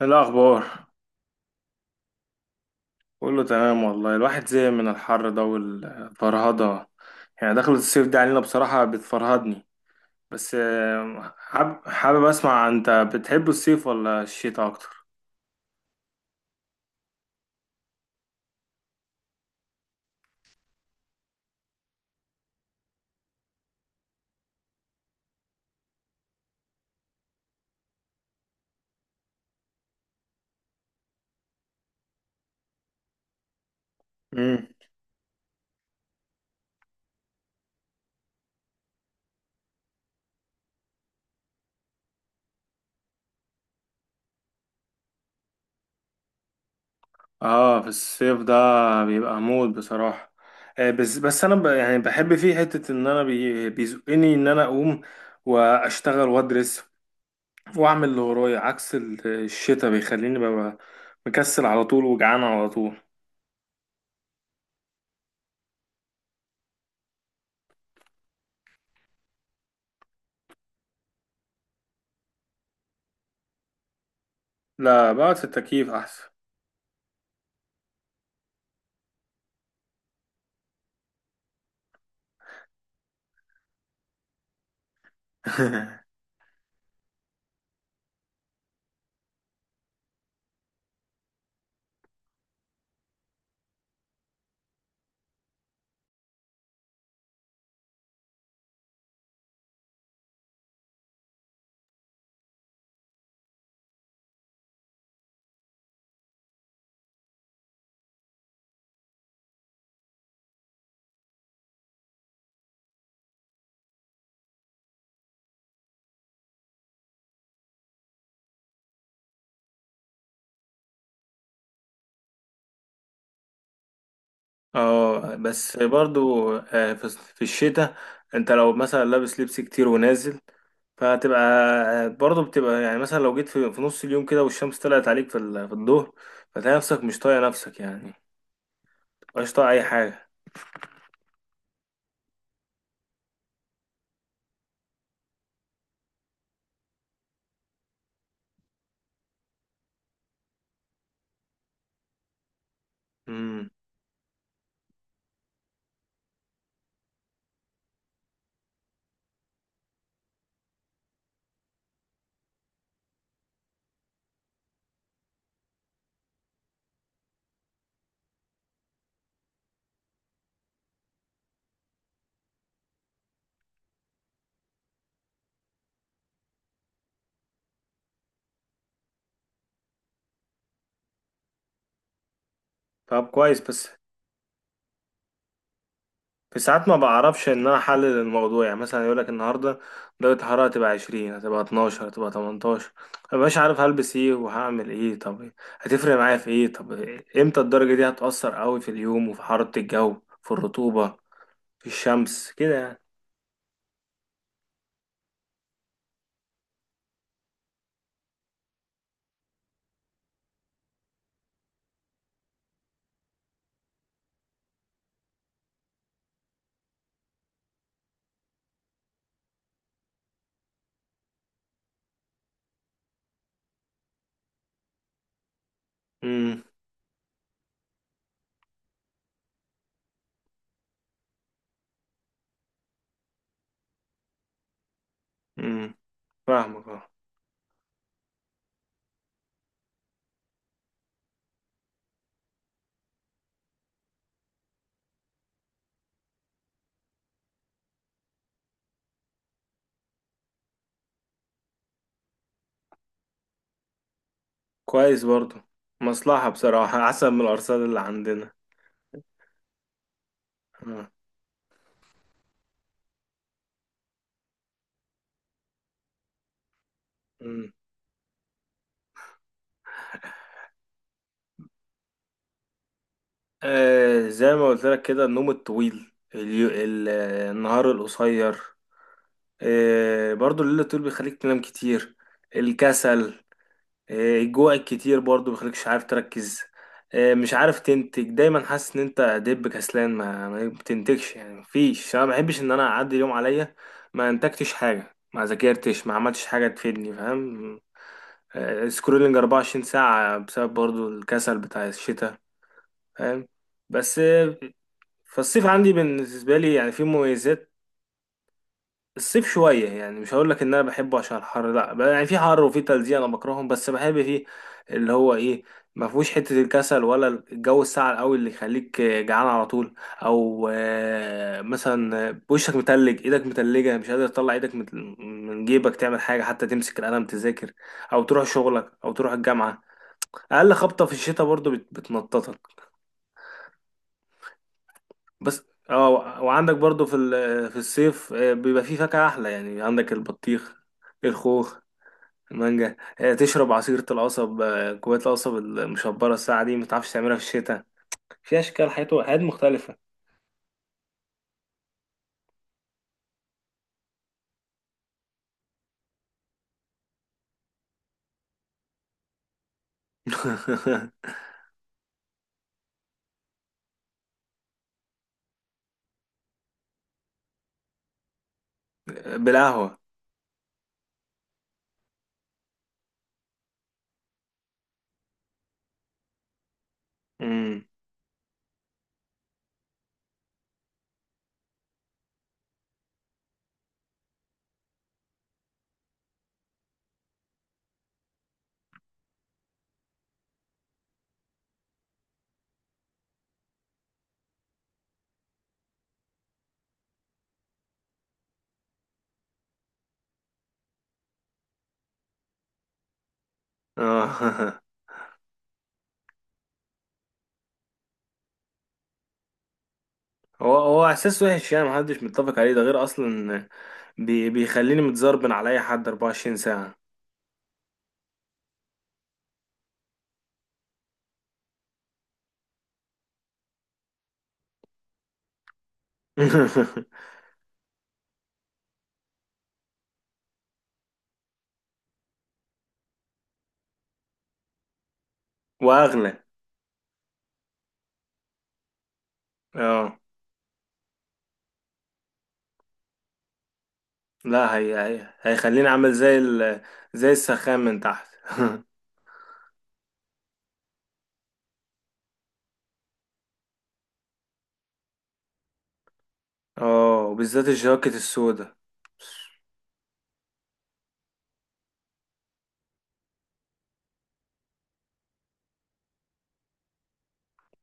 إيه الأخبار؟ كله تمام والله، الواحد زهق من الحر ده والفرهدة. يعني دخلة الصيف دي علينا بصراحة بتفرهدني. بس حابب أسمع، أنت بتحب الصيف ولا الشتاء أكتر؟ مم. آه، في الصيف ده بيبقى موت بصراحة. بس أنا يعني بحب فيه حتة إن أنا بيزقني إن أنا أقوم وأشتغل وأدرس وأعمل اللي ورايا، عكس الشتاء بيخليني ببقى مكسل على طول وجعان على طول. لا، بقعد في التكييف احسن. اه بس برضو، في الشتاء انت لو مثلا لابس لبس كتير ونازل، فهتبقى برضه بتبقى يعني، مثلا لو جيت في نص اليوم كده والشمس طلعت عليك في الظهر، فتلاقي نفسك مش طايق نفسك يعني، مش طايق اي حاجه. امم. طب كويس، بس في ساعات ما بعرفش ان انا احلل الموضوع. يعني مثلا يقول لك النهارده درجه الحراره هتبقى 20، هتبقى 12، هتبقى 18. مبقاش عارف هلبس ايه وهعمل ايه. طب هتفرق معايا في ايه؟ طب امتى الدرجه دي هتأثر قوي في اليوم وفي حراره الجو، في الرطوبه، في الشمس كده يعني. امم. امم. فاهمك، اه. كويس برضه، مصلحه بصراحه احسن من الارصاد اللي عندنا. آه. مم. آه، زي ما قلت لك كده، النوم الطويل، اليو... ال... آه، النهار القصير، إيه برضو الليل الطويل بيخليك تنام كتير، الكسل، إيه الجوع الكتير برضو بيخليكش عارف تركز، إيه مش عارف تنتج، دايما حاسس ان انت دب كسلان، ما بتنتجش يعني. مفيش، انا ما بحبش ان انا اعدي اليوم عليا ما انتجتش حاجة، ما ذاكرتش، ما عملتش حاجة تفيدني، فاهم؟ إيه سكرولينج 24 ساعة بسبب برضو الكسل بتاع الشتاء، فاهم؟ بس إيه، فالصيف عندي بالنسبة لي يعني فيه مميزات. الصيف شوية، يعني مش هقول لك ان انا بحبه عشان الحر، لا بقى، يعني في حر وفي تلزيق انا بكرههم، بس بحب فيه اللي هو ايه، ما فيهوش حتة الكسل ولا الجو الساقع قوي اللي يخليك جعان على طول، او مثلا وشك متلج، ايدك متلجة، مش قادر تطلع ايدك من من جيبك تعمل حاجة حتى، تمسك القلم تذاكر، او تروح شغلك، او تروح الجامعة. اقل خبطة في الشتاء برضو بتنططك. بس اه. وعندك برضو في في الصيف، بيبقى فيه فاكهة احلى، يعني عندك البطيخ، الخوخ، مانجا، تشرب عصيرة القصب، كوباية القصب المشبرة الساعة دي متعرفش تعملها في الشتاء. في أشكال حياة مختلفة. بالقهوة. امم. اه. هو هو إحساس وحش يعني، محدش متفق عليه ده غير أصلا، بيخليني متزربن على أي حد 24 ساعة. وأغلى. اه. لا، هي هيخليني عامل زي ال، زي السخان من تحت. اه، وبالذات الجاكيت السودا.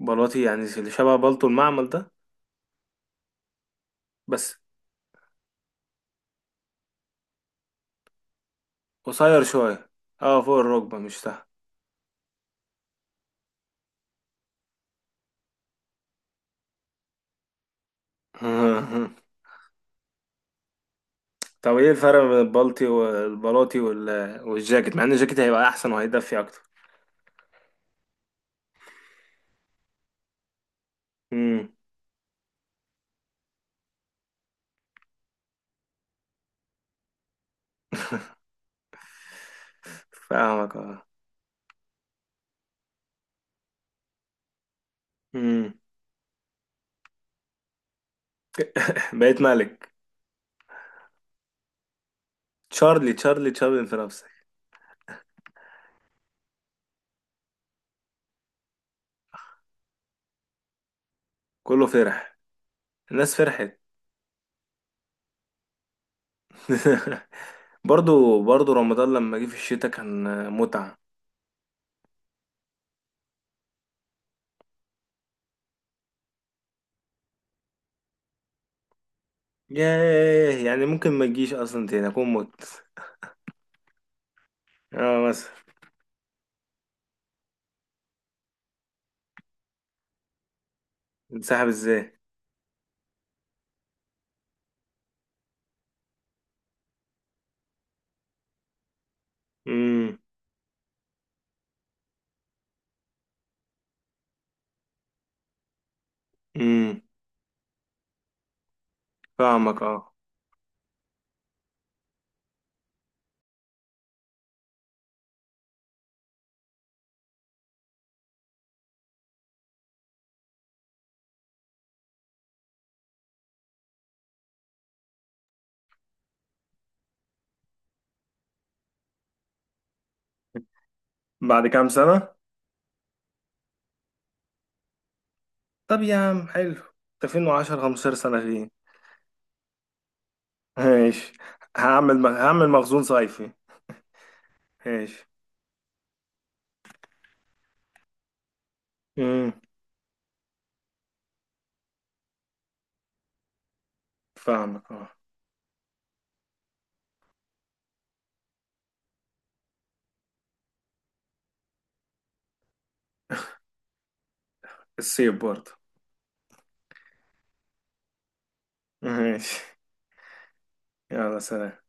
بلاطي يعني اللي شبه بلطو المعمل. بس قصير شوية. اه، فوق الركبة مش تحت. طب ايه الفرق بين البلطي والبلاطي والجاكيت، مع ان الجاكيت هيبقى احسن وهيدفي اكتر. امم. فاهمك اه. امم. بقيت ملك. تشارلي تشارلي تشارلي في نفسك. كله فرح. الناس فرحت. برضو برضو، رمضان لما جه في الشتاء كان متعة. ياه، يعني ممكن ما تجيش اصلا تاني، اكون مت. اه مثلا. انسحب ازاي؟ امم. امم. فاهمك اه. بعد كام سنة؟ طب يا عم حلو. انت وعشر خمستاشر سنة فين؟ ماشي. هعمل مخزون صيفي. ماشي. امم. فاهمك اه. الصيف برضه. ماشي. يلا سلام.